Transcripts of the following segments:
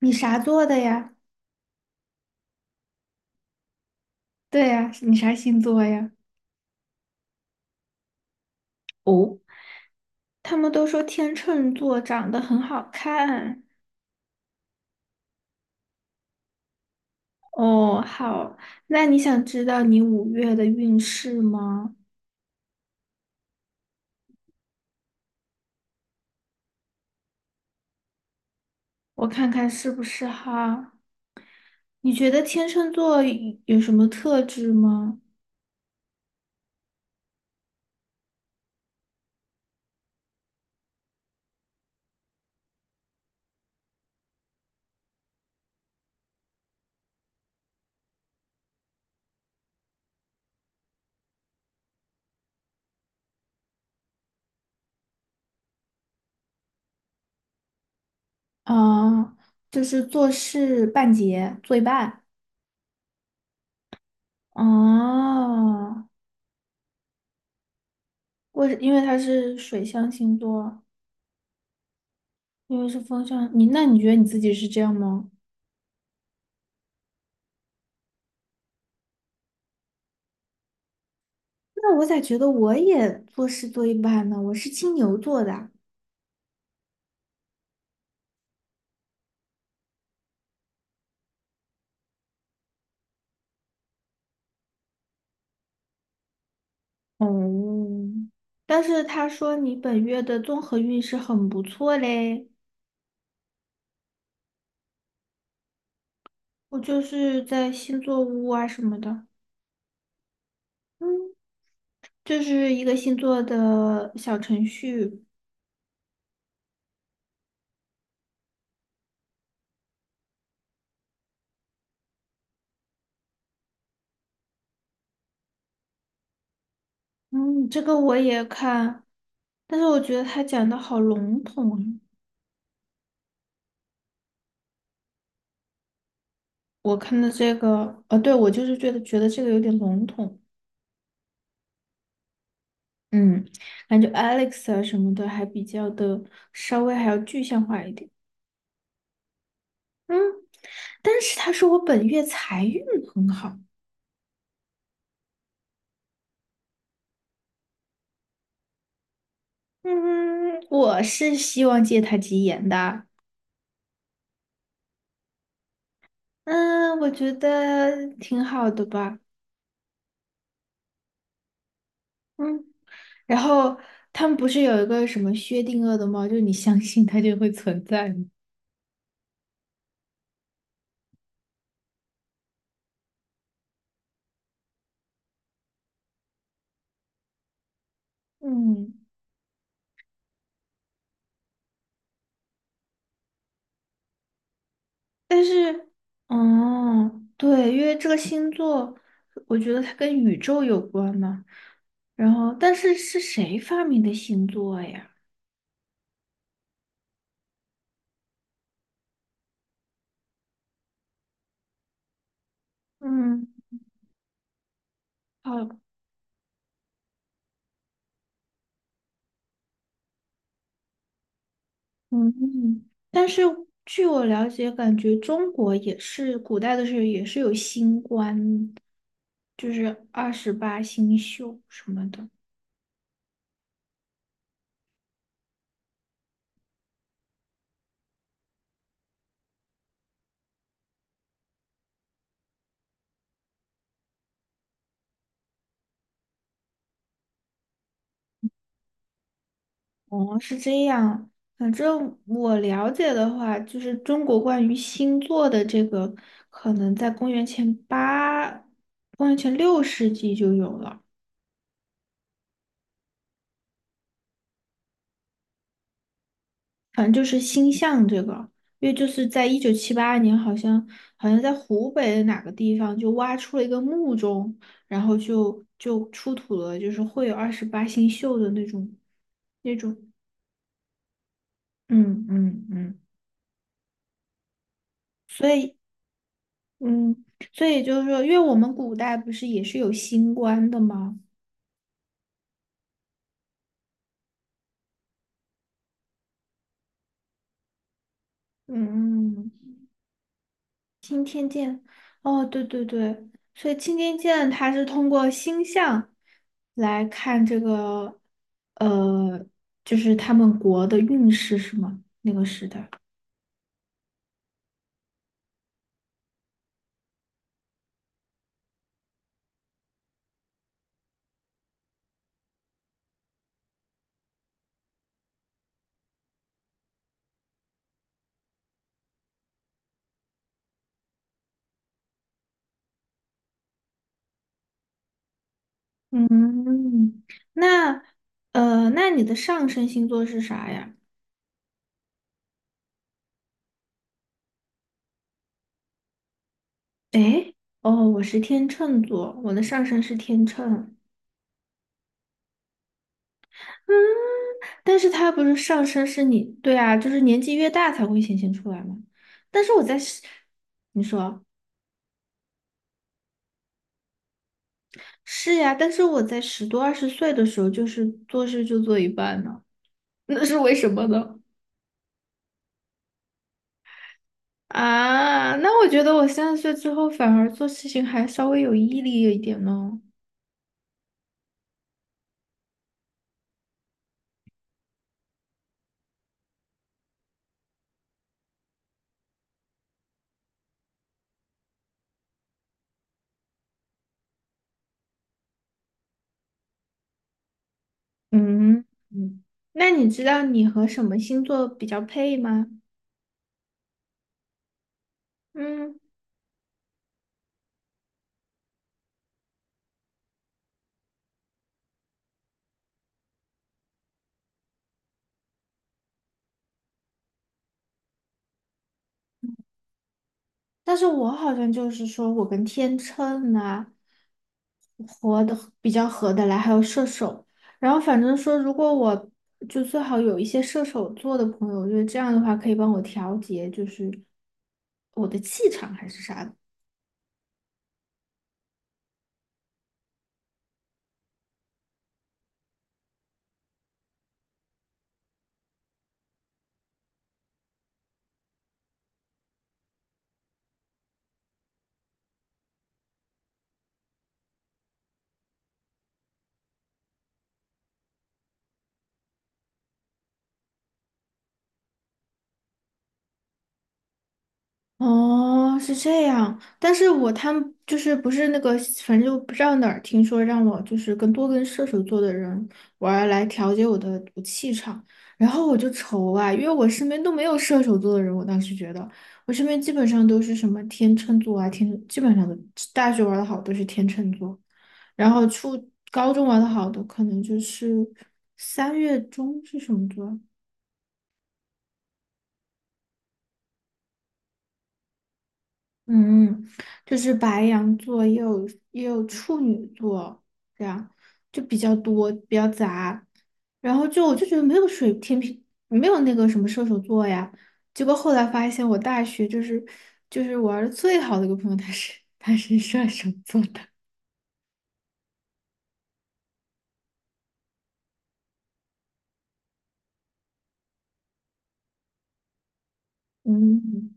你啥座的呀？对呀，你啥星座呀？他们都说天秤座长得很好看。哦，好，那你想知道你五月的运势吗？我看看是不是哈？你觉得天秤座有什么特质吗？啊，就是做事半截，做一半。哦，因为他是水象星座，因为是风象，那你觉得你自己是这样吗？那我咋觉得我也做事做一半呢？我是金牛座的。哦，但是他说你本月的综合运势很不错嘞。我就是在星座屋啊什么的。嗯，就是一个星座的小程序。嗯，这个我也看，但是我觉得他讲的好笼统啊。我看的这个，对，我就是觉得这个有点笼统。嗯，感觉 Alex 啊什么的还比较的稍微还要具象化一点。嗯，但是他说我本月财运很好。嗯，我是希望借他吉言的。嗯，我觉得挺好的吧。嗯。然后他们不是有一个什么薛定谔的猫，就是你相信它就会存在吗？嗯，但是，哦，对，因为这个星座，我觉得它跟宇宙有关嘛。然后，但是是谁发明的星座呀？嗯。好嗯，但是据我了解，感觉中国也是古代的时候也是有星官，就是二十八星宿什么的。哦，是这样。反正我了解的话，就是中国关于星座的这个，可能在公元前8、公元前6世纪就有了。反正就是星象这个，因为就是在1978年，好像在湖北的哪个地方就挖出了一个墓中，然后就出土了，就是会有二十八星宿的那种，嗯嗯嗯。所以嗯，所以就是说，因为我们古代不是也是有星官的吗？嗯，嗯嗯。哦，对对对，所以青天剑它是通过星象来看这个，呃，就是他们国的运势是吗？那个时代。嗯，那那你的上升星座是啥呀？诶，哦，我是天秤座，我的上升是天秤。嗯，但是它不是上升是你，对啊，就是年纪越大才会显现出来嘛。但是我在，你说。是呀，但是我在十多二十岁的时候，就是做事就做一半呢，那是为什么呢？啊，那我觉得我30岁之后反而做事情还稍微有毅力一点呢。嗯嗯，那你知道你和什么星座比较配吗？嗯。但是我好像就是说我跟天秤呐，合的比较合得来，还有射手。然后反正说，如果我就最好有一些射手座的朋友，我觉得这样的话可以帮我调节，就是我的气场还是啥的。哦，是这样，但是他们就是不是那个，反正就不知道哪儿听说让我就是多跟射手座的人玩儿来调节我气场。然后我就愁啊，因为我身边都没有射手座的人，我当时觉得我身边基本上都是什么天秤座啊，天基本上都大学玩的好都是天秤座。然后初高中玩的好的可能就是三月中是什么座？嗯，就是白羊座也有处女座，这样就比较多，比较杂。然后就我就觉得没有水天平，没有那个什么射手座呀。结果后来发现，我大学就是玩的最好的一个朋友，他是射手座的。嗯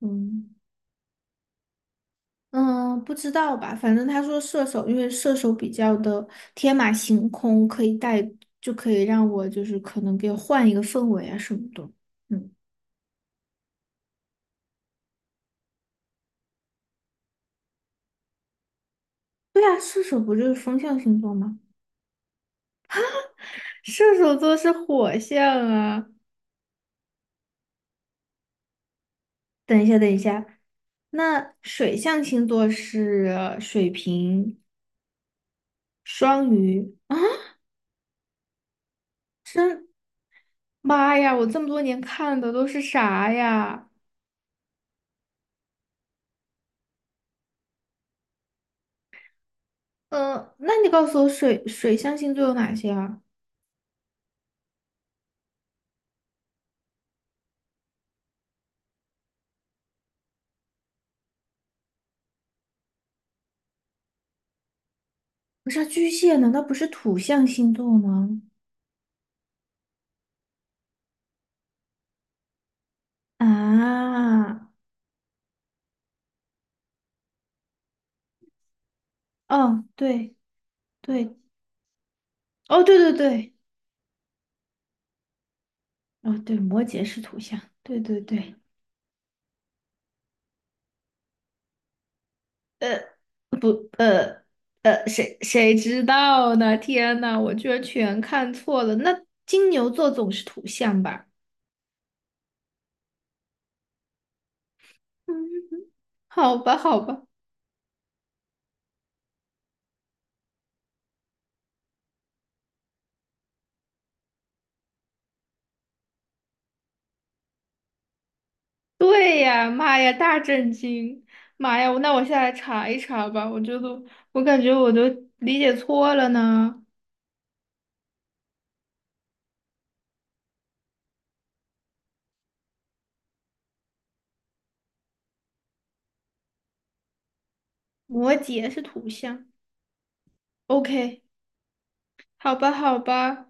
嗯嗯。不知道吧？反正他说射手，因为射手比较的天马行空，可以带就可以让我就是可能给我换一个氛围啊什么的。嗯。对啊，射手不就是风象星座吗？射手座是火象啊。等一下，等一下，那水象星座是水瓶、双鱼啊。妈呀，我这么多年看的都是啥呀？那你告诉我水象星座有哪些啊？不是啊巨蟹，难道不是土象星座吗？啊，哦，对对，哦，对对对，哦对，摩羯是土象，对对对。呃。谁知道呢？天呐，我居然全看错了。那金牛座总是土象吧？嗯。好吧，好吧。对呀，妈呀，大震惊！妈呀，那我下来查一查吧。我觉得我感觉我都理解错了呢。摩羯是土象。OK，好吧，好吧。